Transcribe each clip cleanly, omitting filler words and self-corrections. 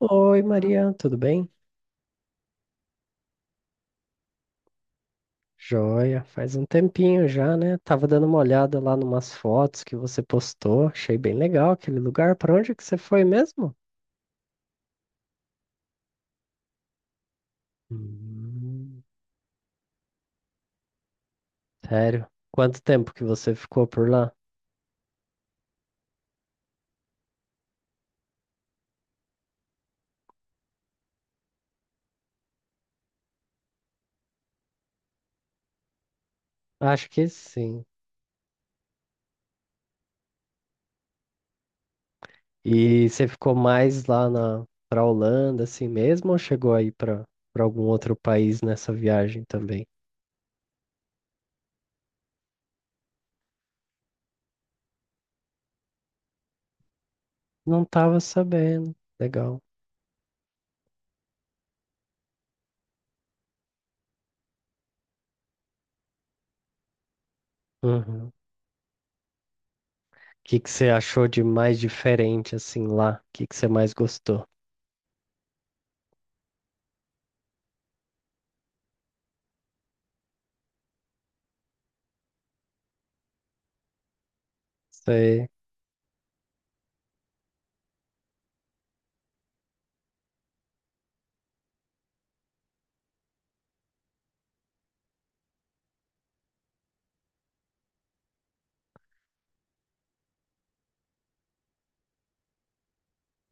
Oi, Maria, tudo bem? Joia, faz um tempinho já, né? Tava dando uma olhada lá numas fotos que você postou, achei bem legal aquele lugar. Para onde que você foi mesmo? Hum, sério? Quanto tempo que você ficou por lá? Acho que sim. E você ficou mais lá na pra Holanda assim mesmo ou chegou aí para algum outro país nessa viagem também? Não tava sabendo. Legal. Uhum. O que que você achou de mais diferente assim lá? O que que você mais gostou? Sei.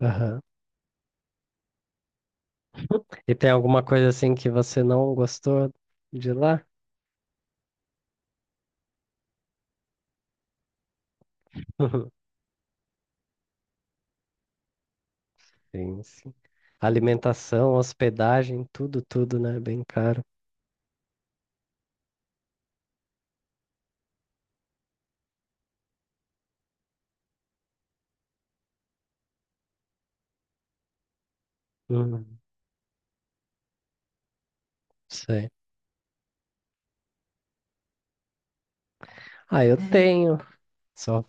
Aham. E tem alguma coisa assim que você não gostou de lá? Sim, sim. Alimentação, hospedagem, tudo, tudo, né? Bem caro. Hum, sei. Ah, eu tenho. Só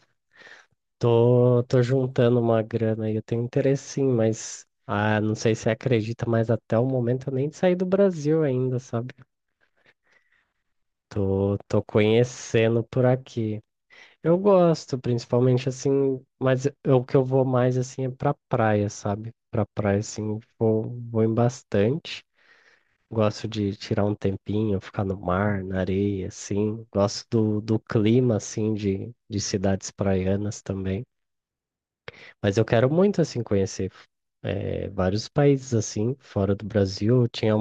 tô juntando uma grana aí. Eu tenho interesse sim, mas não sei se você acredita, mas até o momento eu nem saí do Brasil ainda, sabe? Tô conhecendo por aqui. Eu gosto, principalmente assim, mas o que eu vou mais assim é pra praia, sabe? Pra praia, assim, vou em bastante. Gosto de tirar um tempinho, ficar no mar, na areia, assim. Gosto do clima, assim, de cidades praianas também. Mas eu quero muito, assim, conhecer vários países, assim, fora do Brasil. Eu tinha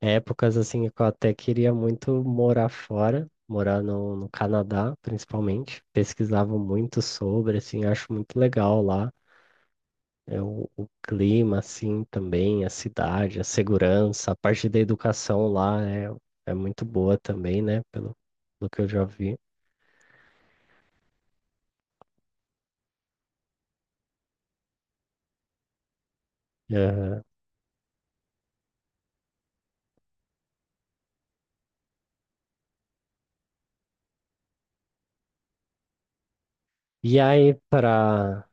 épocas assim que eu até queria muito morar fora, morar no Canadá, principalmente. Pesquisava muito sobre, assim, acho muito legal lá. É o clima, assim, também, a cidade, a segurança, a parte da educação lá é muito boa também, né? Pelo que eu já vi. Aham. E aí, para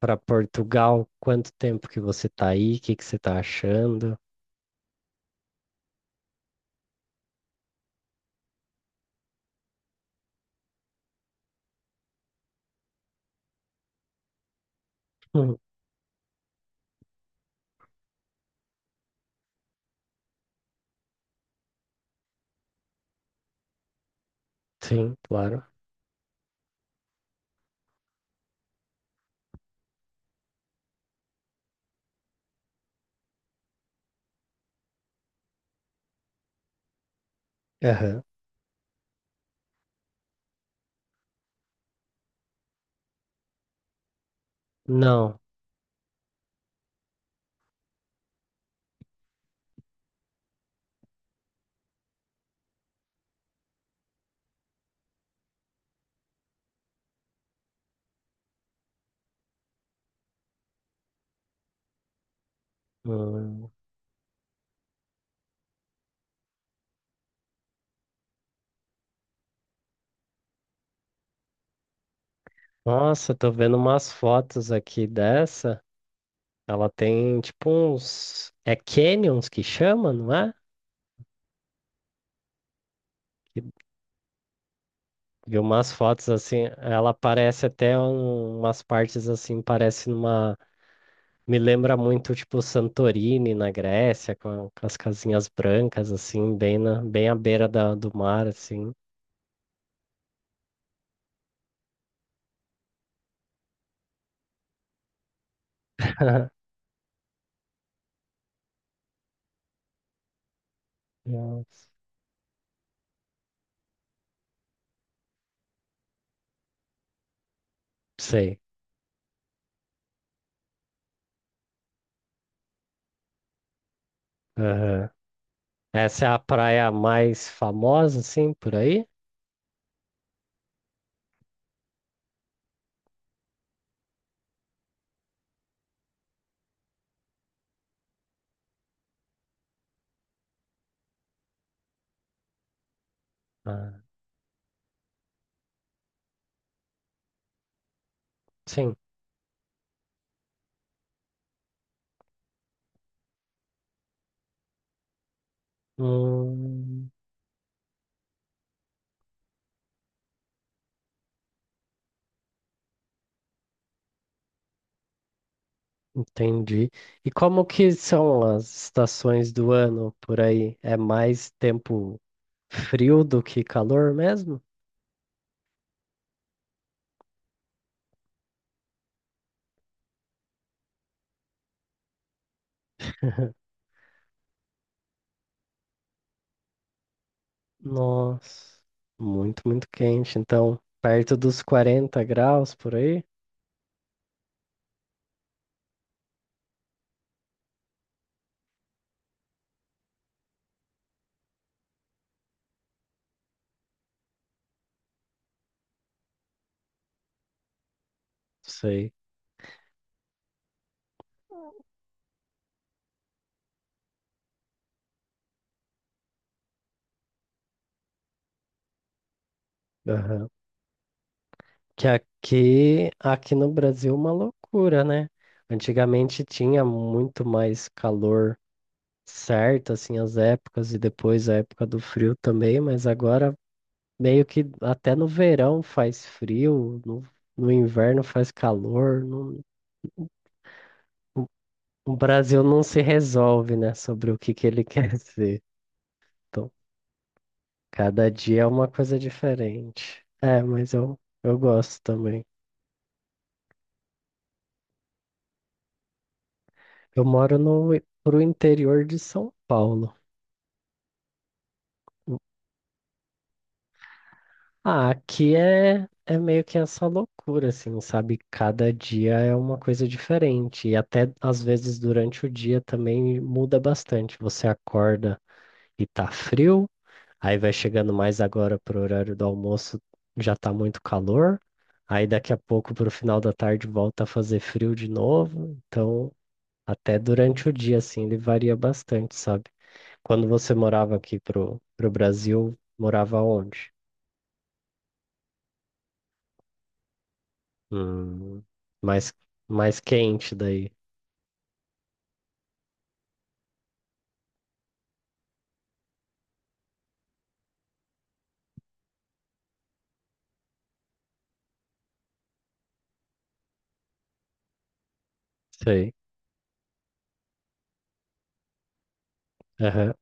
para Portugal, quanto tempo que você tá aí? O que que você tá achando? Hum. Sim, claro. Aham. Não. Hum, Nossa, tô vendo umas fotos aqui dessa. Ela tem tipo uns canyons que chama, não é? E e umas fotos assim. Ela parece até umas partes assim, parece numa. Me lembra muito tipo Santorini na Grécia, com as casinhas brancas, assim, bem, bem à beira do mar, assim. Nossa. Sei. Aham. Essa é a praia mais famosa, assim, por aí? Ah, sim. Hum. Entendi. E como que são as estações do ano por aí? É mais tempo frio do que calor mesmo? Nossa, muito, muito quente. Então, perto dos 40 graus por aí? Sei. Aham. Que aqui no Brasil, é uma loucura, né? Antigamente tinha muito mais calor certo, assim, as épocas, e depois a época do frio também, mas agora meio que até no verão faz frio, no inverno faz calor. O Brasil não se resolve, né, sobre o que que ele quer ser. Então, cada dia é uma coisa diferente. É, mas eu gosto também. Eu moro no, pro interior de São Paulo. Ah, aqui é meio que essa loucura, assim, sabe? Cada dia é uma coisa diferente. E até às vezes durante o dia também muda bastante. Você acorda e tá frio. Aí vai chegando mais agora pro horário do almoço, já tá muito calor. Aí daqui a pouco pro final da tarde volta a fazer frio de novo. Então, até durante o dia assim, ele varia bastante, sabe? Quando você morava aqui pro Brasil, morava onde? Hum, mais mais quente daí. Sei. Aham.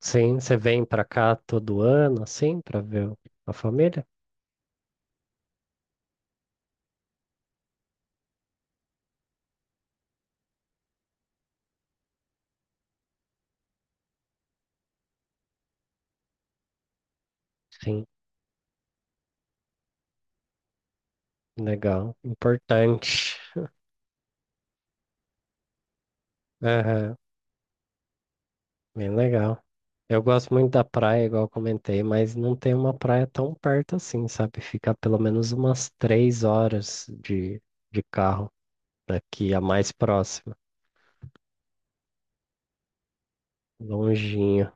Sim, você vem pra cá todo ano assim pra ver a família? Sim, legal, importante. Bem legal. Eu gosto muito da praia, igual eu comentei, mas não tem uma praia tão perto assim, sabe? Fica pelo menos umas 3 horas de carro daqui, a mais próxima, longinho.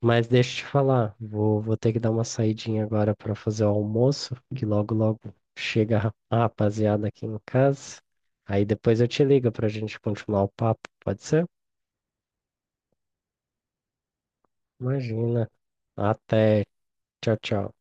Mas deixa eu te falar, vou ter que dar uma saidinha agora para fazer o almoço, que logo logo chega a rapaziada aqui em casa. Aí depois eu te ligo para a gente continuar o papo, pode ser? Imagina. Até. Tchau, tchau.